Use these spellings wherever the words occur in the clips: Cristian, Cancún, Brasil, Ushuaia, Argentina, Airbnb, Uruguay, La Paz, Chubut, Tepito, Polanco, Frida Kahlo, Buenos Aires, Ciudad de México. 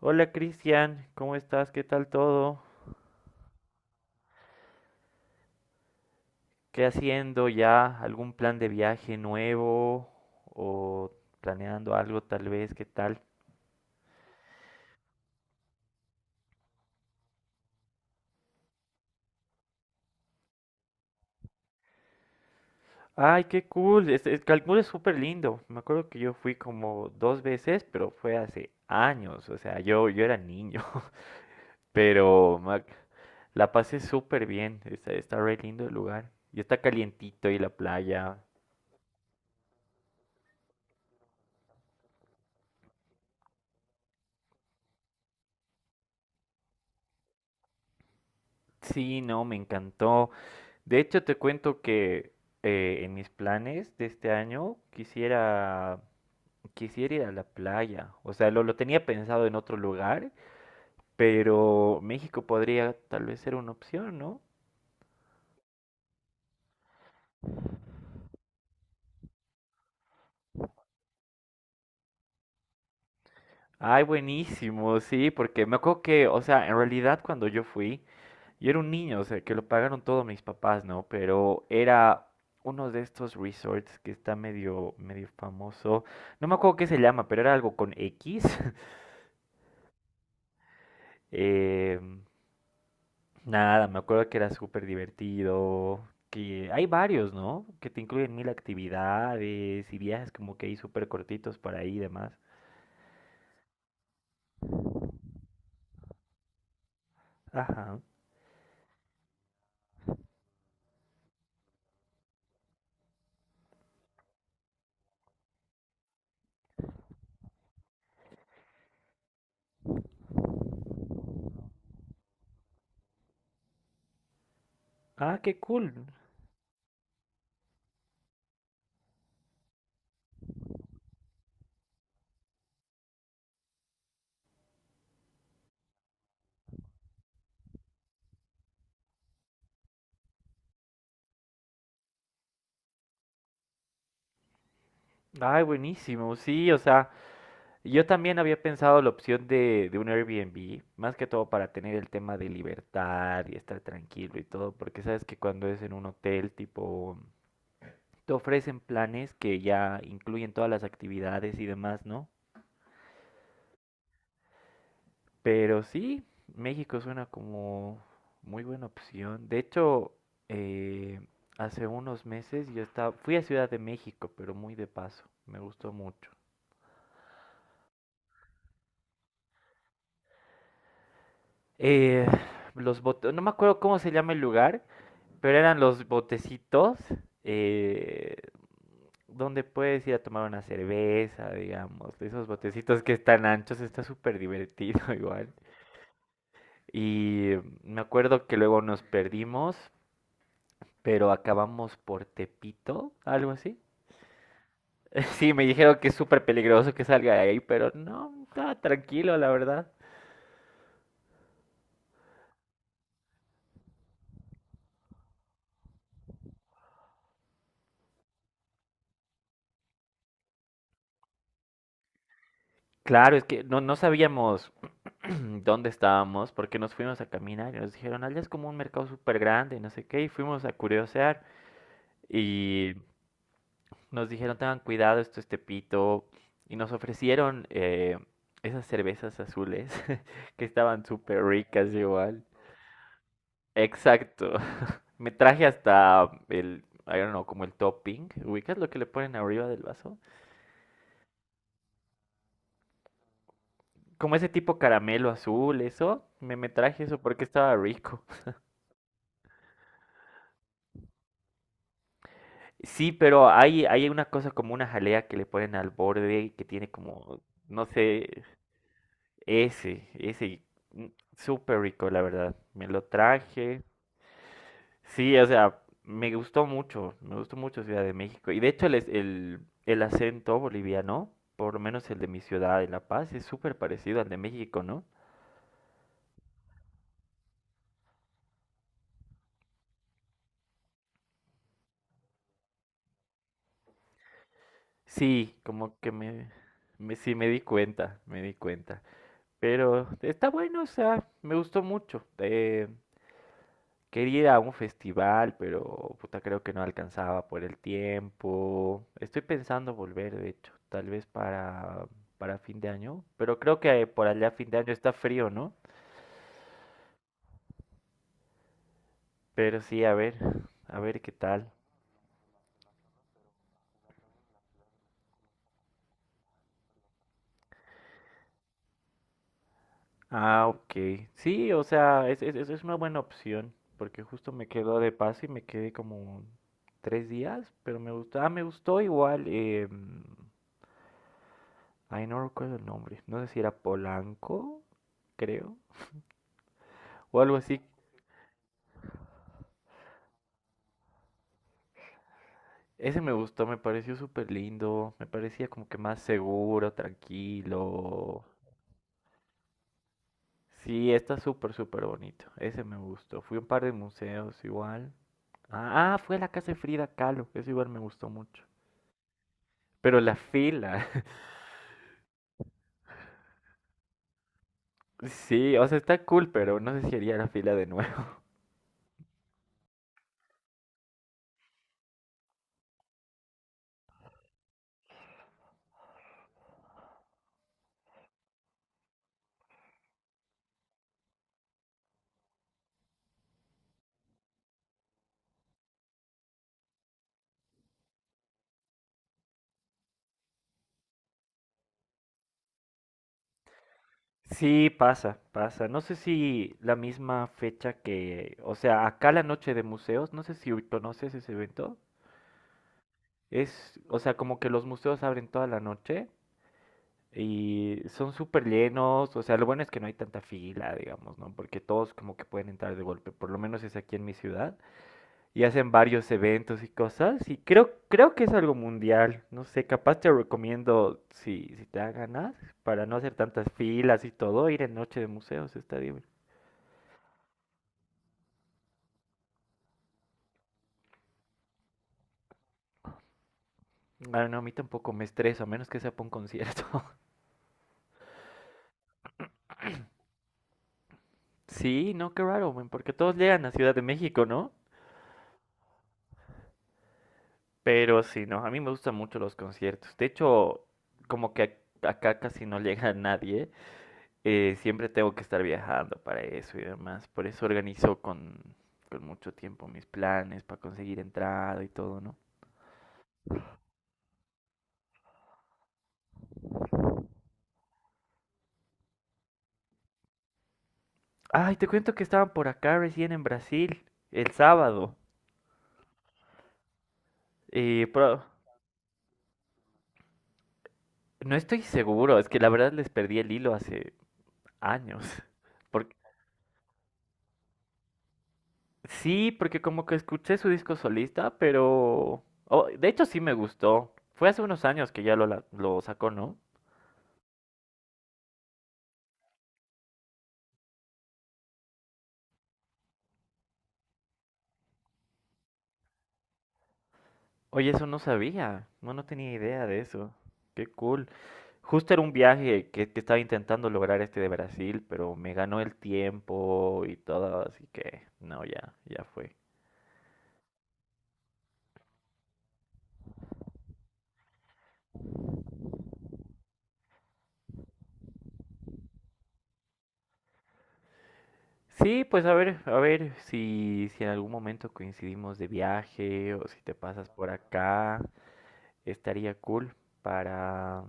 Hola Cristian, ¿cómo estás? ¿Qué tal todo? ¿Qué haciendo ya? ¿Algún plan de viaje nuevo? ¿O planeando algo tal vez? ¿Qué tal? Ay, qué cool. Este, Cancún es súper lindo. Me acuerdo que yo fui como dos veces, pero fue hace años. O sea, yo era niño. Pero me la pasé súper bien. Está re lindo el lugar. Y está calientito y la playa. Sí, no, me encantó. De hecho, te cuento que en mis planes de este año quisiera ir a la playa. O sea, lo tenía pensado en otro lugar, pero México podría tal vez ser una opción, ¿no? Ay, buenísimo, sí, porque me acuerdo que, o sea, en realidad cuando yo fui, yo era un niño, o sea, que lo pagaron todos mis papás, ¿no? Pero era uno de estos resorts que está medio, medio famoso. No me acuerdo qué se llama, pero era algo con X. em, Nada, me acuerdo que era súper divertido, que hay varios, ¿no? Que te incluyen mil actividades y viajes como que ahí súper cortitos para ahí y demás. Ajá. Ah, qué cool. Ay, buenísimo. Sí, o sea, yo también había pensado la opción de un Airbnb, más que todo para tener el tema de libertad y estar tranquilo y todo, porque sabes que cuando es en un hotel, tipo, te ofrecen planes que ya incluyen todas las actividades y demás, ¿no? Pero sí, México suena como muy buena opción. De hecho, eh, hace unos meses yo estaba, fui a Ciudad de México, pero muy de paso. Me gustó mucho. Eh, no me acuerdo cómo se llama el lugar, pero eran los botecitos eh, donde puedes ir a tomar una cerveza, digamos. De esos botecitos que están anchos, está súper divertido igual. Y me acuerdo que luego nos perdimos pero acabamos por Tepito, algo así. Sí, me dijeron que es súper peligroso que salga de ahí, pero no, estaba tranquilo, la verdad. Claro, es que no, no sabíamos dónde estábamos, porque nos fuimos a caminar y nos dijeron, allá es como un mercado súper grande, no sé qué, y fuimos a curiosear y nos dijeron, tengan cuidado, esto es Tepito, y nos ofrecieron esas cervezas azules que estaban súper ricas igual. Exacto. Me traje hasta el, I don't know, como el topping. ¿Ubicas lo que le ponen arriba del vaso? Como ese tipo caramelo azul, eso. Me traje eso porque estaba rico. Sí, pero hay una cosa como una jalea que le ponen al borde y que tiene como, no sé, ese, ese. mm, Súper rico, la verdad. Me lo traje. Sí, o sea, me gustó mucho Ciudad de México. Y de hecho el acento boliviano, por lo menos el de mi ciudad, de La Paz, es súper parecido al de México, ¿no? Sí, como que sí me di cuenta, me di cuenta. Pero está bueno, o sea, me gustó mucho. Quería ir a un festival, pero puta, creo que no alcanzaba por el tiempo. Estoy pensando volver, de hecho, tal vez para fin de año, pero creo que por allá fin de año está frío, ¿no? Pero sí, a ver qué tal. Ah, ok. Sí, o sea, es una buena opción, porque justo me quedó de paso y me quedé como tres días, pero me gustó, ah, me gustó igual, ay, no recuerdo el nombre, no sé si era Polanco, creo, o algo así. Ese me gustó, me pareció súper lindo, me parecía como que más seguro, tranquilo. Sí, está súper, súper bonito. Ese me gustó. Fui a un par de museos igual. Ah, ah, fui a la casa de Frida Kahlo. Eso igual me gustó mucho. Pero la fila. Sí, o sea, está cool, pero no sé si haría la fila de nuevo. Sí, pasa, pasa. No sé si la misma fecha que, o sea, acá la noche de museos, no sé si conoces ese evento. Es, o sea, como que los museos abren toda la noche. Y son súper llenos, o sea, lo bueno es que no hay tanta fila, digamos, ¿no? Porque todos como que pueden entrar de golpe, por lo menos es aquí en mi ciudad, y hacen varios eventos y cosas, y creo que es algo mundial, no sé, capaz te recomiendo, si, si te da ganas, para no hacer tantas filas y todo, ir en noche de museos, está bien. Ah, no, a mí tampoco me estreso, a menos que sea para un concierto. Sí, no, qué raro, men, porque todos llegan a Ciudad de México, ¿no? Pero sí, no, a mí me gustan mucho los conciertos. De hecho, como que acá casi no llega nadie, siempre tengo que estar viajando para eso y demás. Por eso organizo con mucho tiempo mis planes para conseguir entrada y todo, ¿no? Ay, te cuento que estaban por acá recién en Brasil, el sábado. Eh, pro- no estoy seguro, es que la verdad les perdí el hilo hace años. por Sí, porque como que escuché su disco solista, pero... oh, de hecho sí me gustó. Fue hace unos años que ya lo sacó, ¿no? Oye, eso no sabía. No, no tenía idea de eso. Qué cool. Justo era un viaje que estaba intentando lograr este de Brasil, pero me ganó el tiempo y todo, así que no, ya, ya fue. Sí, pues a ver si, si en algún momento coincidimos de viaje o si te pasas por acá. Estaría cool para,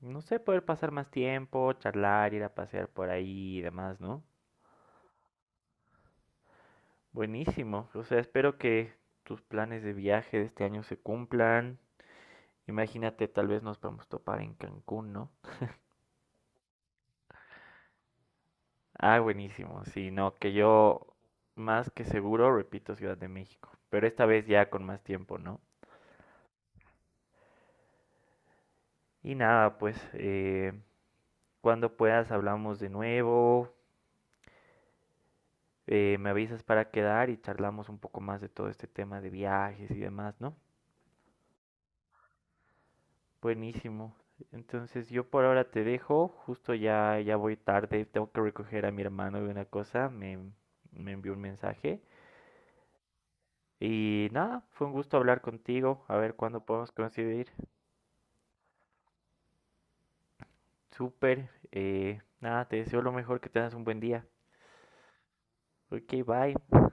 no sé, poder pasar más tiempo, charlar, ir a pasear por ahí y demás, ¿no? Buenísimo. O sea, espero que tus planes de viaje de este año se cumplan. Imagínate, tal vez nos podemos topar en Cancún, ¿no? Ah, buenísimo. Sí, no, que yo más que seguro repito Ciudad de México, pero esta vez ya con más tiempo, ¿no? Y nada, pues cuando puedas hablamos de nuevo. Me avisas para quedar y charlamos un poco más de todo este tema de viajes y demás, ¿no? Buenísimo. Entonces yo por ahora te dejo, justo ya, ya voy tarde, tengo que recoger a mi hermano de una cosa, me envió un mensaje. Y nada, fue un gusto hablar contigo, a ver cuándo podemos coincidir. Súper, nada, te deseo lo mejor, que tengas un buen día. Ok, bye.